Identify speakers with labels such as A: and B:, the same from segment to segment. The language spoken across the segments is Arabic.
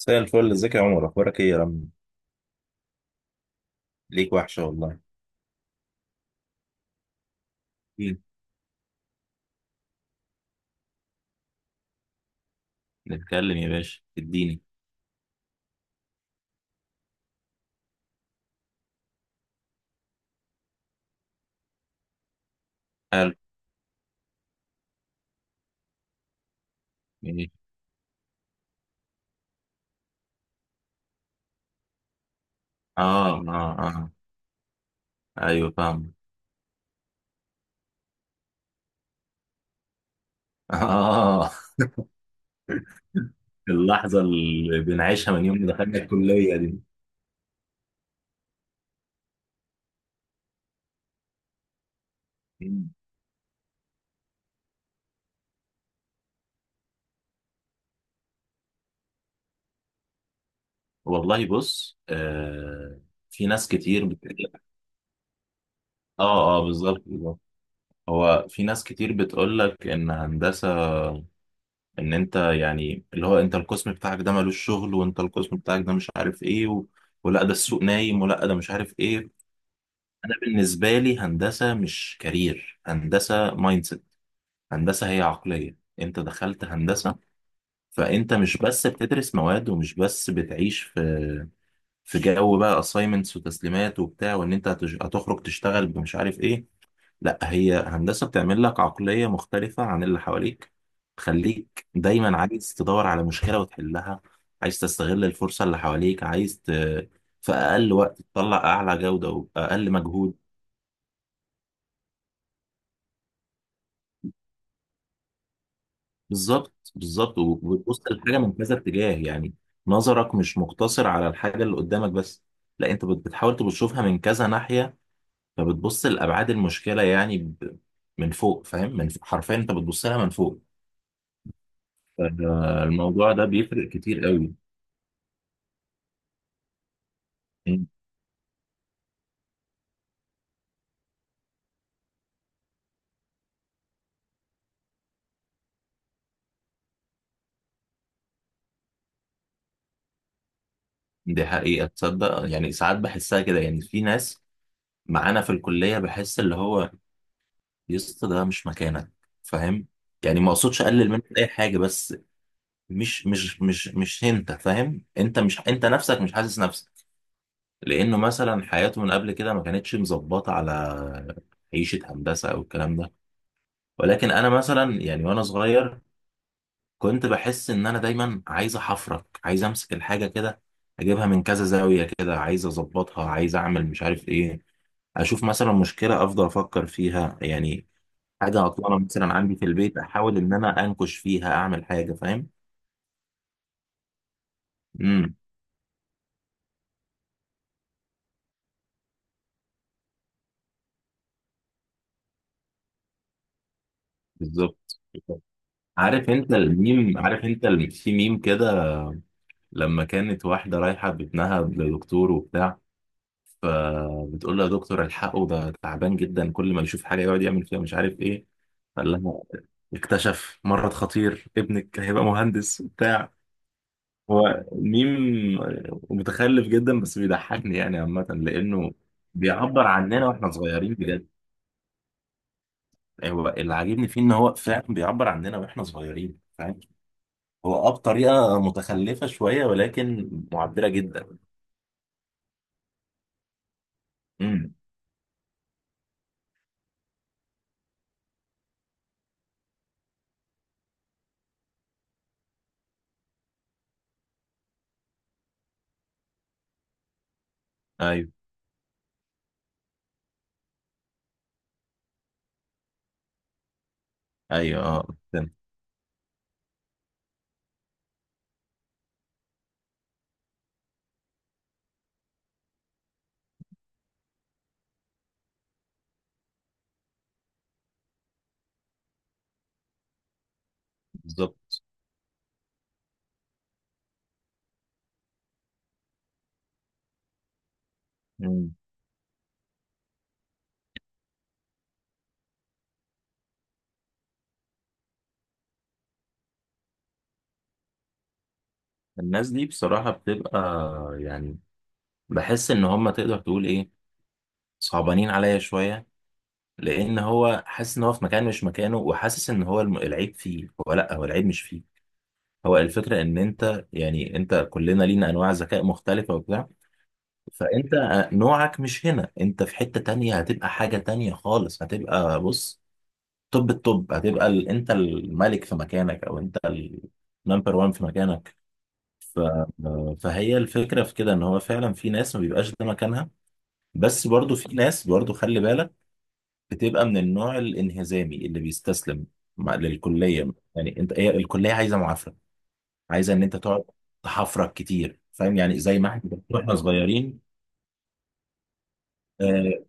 A: مساء الفل، ازيك يا عمر؟ اخبارك ايه يا رم؟ ليك وحشه والله. مين؟ نتكلم يا باشا، اديني. قال ايه. اه، اه، اه. ايوه، فاهم. اه. اللحظه اللي بنعيشها من يوم ما دخلنا الكليه دي. مم. والله بص، في ناس كتير بتقول لك. اه، اه، بالظبط، بالظبط. هو في ناس كتير بتقول لك ان هندسه، ان انت يعني اللي هو انت القسم بتاعك ده ملوش شغل، وانت القسم بتاعك ده مش عارف ايه. ولا ده السوق نايم، ولا ده مش عارف ايه. انا بالنسبه لي، هندسه مش كارير، هندسه مايند سيت. هندسه هي عقليه، انت دخلت هندسه، فانت مش بس بتدرس مواد ومش بس بتعيش في جو بقى اساينمنتس وتسليمات وبتاع، وان انت هتخرج تشتغل بمش عارف ايه. لا، هي هندسه بتعمل لك عقليه مختلفه عن اللي حواليك، تخليك دايما عايز تدور على مشكله وتحلها، عايز تستغل الفرصه اللي حواليك، في اقل وقت تطلع اعلى جوده واقل مجهود. بالظبط، بالظبط. وبتبص للحاجه من كذا اتجاه يعني، نظرك مش مقتصر على الحاجه اللي قدامك بس، لا انت بتحاول تشوفها من كذا ناحيه، فبتبص لابعاد المشكله يعني، من فوق، فاهم؟ من فوق حرفيا انت بتبص لها من فوق. فالموضوع ده بيفرق كتير قوي. مم. دي حقيقه، تصدق يعني ساعات بحسها كده، يعني في ناس معانا في الكليه بحس اللي هو يسطا ده مش مكانك. فاهم؟ يعني ما اقصدش اقلل منك اي حاجه، بس مش انت فاهم، انت مش، انت نفسك مش حاسس نفسك، لانه مثلا حياته من قبل كده ما كانتش مظبطه على عيشه هندسه او الكلام ده. ولكن انا مثلا يعني، وانا صغير كنت بحس ان انا دايما عايز احفرك، عايز امسك الحاجه كده، اجيبها من كذا زاويه كده، عايز اظبطها، عايز اعمل مش عارف ايه، اشوف مثلا مشكله افضل افكر فيها يعني. حاجه عطلانه مثلا عندي في البيت، احاول ان انا انكش فيها، اعمل حاجه، فاهم؟ امم بالظبط. عارف انت الميم؟ عارف انت في ميم كده، لما كانت واحدة رايحة بابنها لدكتور وبتاع، فبتقول له يا دكتور، الحقه، ده تعبان جدا، كل ما يشوف حاجة يقعد يعمل فيها مش عارف ايه. قال لها اكتشف مرض خطير، ابنك هيبقى مهندس وبتاع. هو ميم متخلف جدا، بس بيضحكني يعني عامة، لأنه بيعبر عننا واحنا صغيرين بجد. هو اللي عاجبني فيه ان هو فعلا بيعبر عننا واحنا صغيرين، فاهم؟ هو بطريقة متخلفة شوية، ولكن معبرة جدا. امم ايوه، ايوه، اه، فهمت. بالظبط. مم. الناس دي بصراحة بتبقى يعني، بحس ان هم، تقدر تقول ايه، صعبانين عليا شوية، لان هو حاسس ان هو في مكان مش مكانه، وحاسس ان هو العيب فيه هو، لا، هو العيب مش فيه. هو الفكرة ان انت يعني، انت كلنا لينا انواع ذكاء مختلفة وبتاع، فانت نوعك مش هنا، انت في حتة تانية هتبقى حاجة تانية خالص، هتبقى بص، توب التوب، هتبقى انت الملك في مكانك، او انت النمبر وان في مكانك. ف... فهي الفكرة في كده، ان هو فعلا في ناس ما بيبقاش ده مكانها، بس برضو في ناس، برضو خلي بالك، بتبقى من النوع الانهزامي اللي بيستسلم للكلية. يعني انت، هي الكلية عايزة معافرة، عايزة ان انت تقعد تحفرك كتير، فاهم؟ يعني زي ما احنا واحنا صغيرين. اه.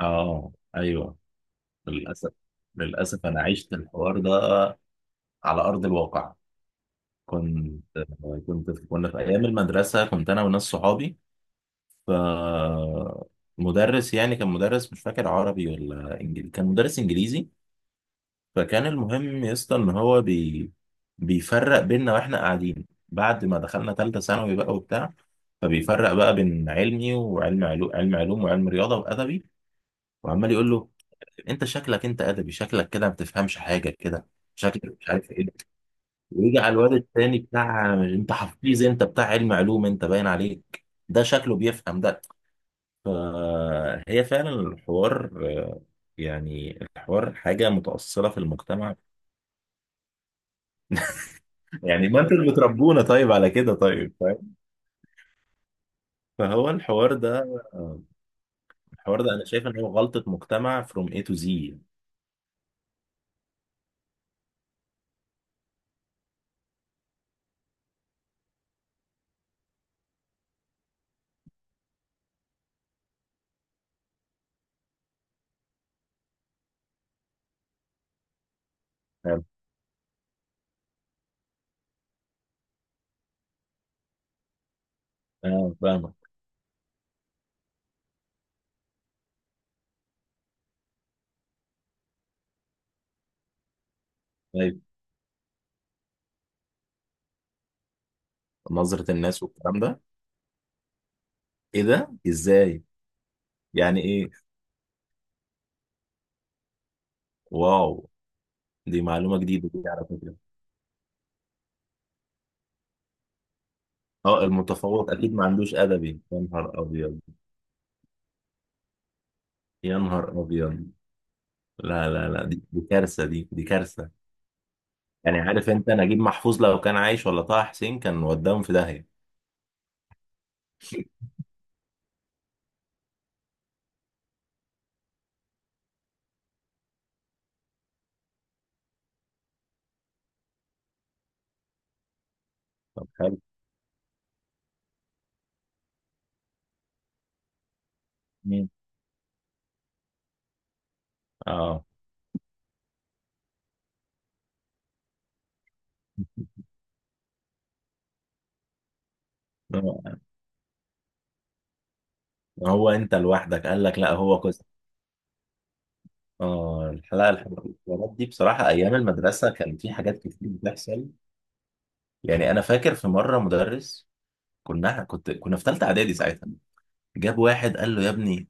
A: ايوه. للاسف، للاسف، انا عشت الحوار ده على ارض الواقع. كنت كنت كنا في ايام المدرسه، كنت انا وناس صحابي، ف مدرس يعني، كان مدرس، مش فاكر عربي ولا انجليزي، كان مدرس انجليزي. فكان المهم يا اسطى ان هو بيفرق بيننا واحنا قاعدين، بعد ما دخلنا ثالثه ثانوي بقى وبتاع، فبيفرق بقى بين علمي، وعلم علوم، علم علوم وعلم رياضه وادبي، وعمال يقول له: انت شكلك انت ادبي، شكلك كده ما بتفهمش حاجه كده، شكلك مش عارف ايه. ويجي على الواد التاني بتاع: انت حفيظ، انت بتاع علم علوم، انت باين عليك ده، شكله بيفهم ده. فهي فعلا الحوار، آه، يعني الحوار حاجة متأصلة في المجتمع. يعني ما انتوا اللي بتربونا، طيب على كده طيب، فاهم؟ فهو الحوار ده، الحوار ده انا شايف ان هو غلطة مجتمع from A to Z يعني. فاهم؟ اه، فاهمك. طيب، نظرة الناس والكلام ده. ايه ده؟ ازاي؟ يعني ايه؟ واو، دي معلومة جديدة دي على فكرة. اه، المتفوق اكيد ما عندوش ادبي؟ يا نهار ابيض، يا نهار ابيض. لا، لا، لا، دي كارثه، دي كارثه. يعني عارف انت نجيب محفوظ لو كان عايش، ولا طه حسين، كان وداهم في داهيه. طب حلو. مين؟ اه. هو هو انت لوحدك؟ قال لك لا، هو قصه. اه، الحلقه، الحوارات دي بصراحه ايام المدرسه كان في حاجات كتير بتحصل. يعني انا فاكر في مره مدرس، كنا في ثالثه اعدادي ساعتها، جاب واحد قال له يا ابني.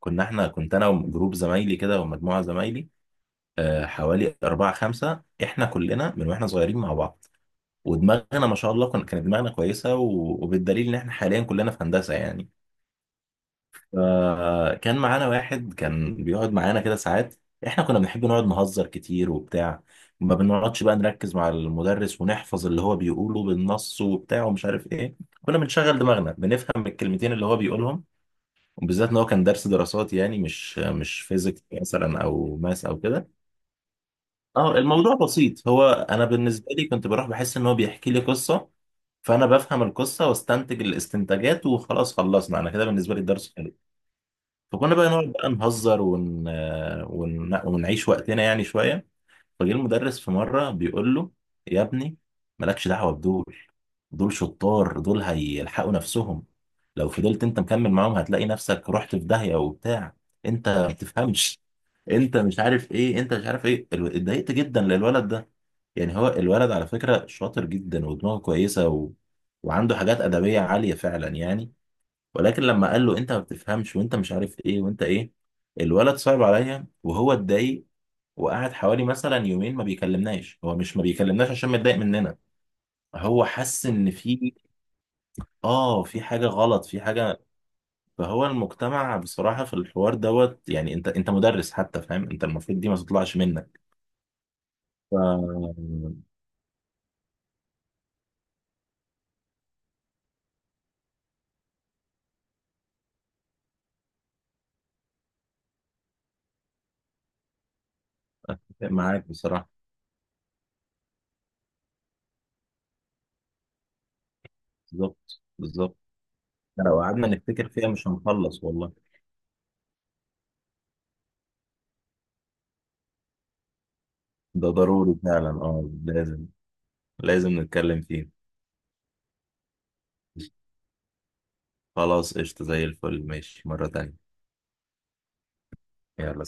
A: كنا احنا كنت انا وجروب زمايلي كده، ومجموعه زمايلي، حوالي أربعة خمسة، إحنا كلنا من وإحنا صغيرين مع بعض، ودماغنا ما شاء الله كانت دماغنا كويسة، و- وبالدليل إن إحنا حاليا كلنا في هندسة يعني. فكان معانا واحد كان بيقعد معانا كده ساعات، إحنا كنا بنحب نقعد نهزر كتير وبتاع، ما بنقعدش بقى نركز مع المدرس ونحفظ اللي هو بيقوله بالنص وبتاع ومش عارف إيه، كنا بنشغل دماغنا، بنفهم الكلمتين اللي هو بيقولهم، وبالذات إن هو كان درس دراسات يعني، مش فيزيكس مثلا أو ماس أو كده. اه، الموضوع بسيط، هو انا بالنسبه لي كنت بروح بحس ان هو بيحكي لي قصه، فانا بفهم القصه واستنتج الاستنتاجات وخلاص، خلصنا انا كده، بالنسبه لي الدرس حلو. فكنا بقى نقعد بقى نهزر، ونعيش وقتنا يعني شويه. فجه المدرس في مره بيقول له: يا ابني، مالكش دعوه بدول، دول شطار دول هيلحقوا نفسهم، لو فضلت انت مكمل معاهم هتلاقي نفسك رحت في داهيه وبتاع، انت ما بتفهمش، انت مش عارف ايه، انت مش عارف ايه اتضايقت جدا للولد ده. يعني هو الولد على فكرة شاطر جدا ودماغه كويسة، وعنده حاجات أدبية عالية فعلا يعني. ولكن لما قال له انت ما بتفهمش، وانت مش عارف ايه، وانت ايه، الولد صعب عليا، وهو اتضايق، وقعد حوالي مثلا يومين ما بيكلمناش، هو مش ما بيكلمناش عشان متضايق مننا، هو حس ان في، اه، في حاجة غلط، في حاجة. فهو المجتمع بصراحة في الحوار دوت. يعني انت مدرس حتى، فاهم؟ انت المفروض دي ما تطلعش منك. ف- اتفق معاك بصراحة. بالظبط، بالظبط. لو قعدنا نفتكر فيها مش هنخلص والله. ده ضروري فعلا، اه، لازم، لازم نتكلم فيه. خلاص، قشطة، زي الفل، ماشي مرة تانية. يلا.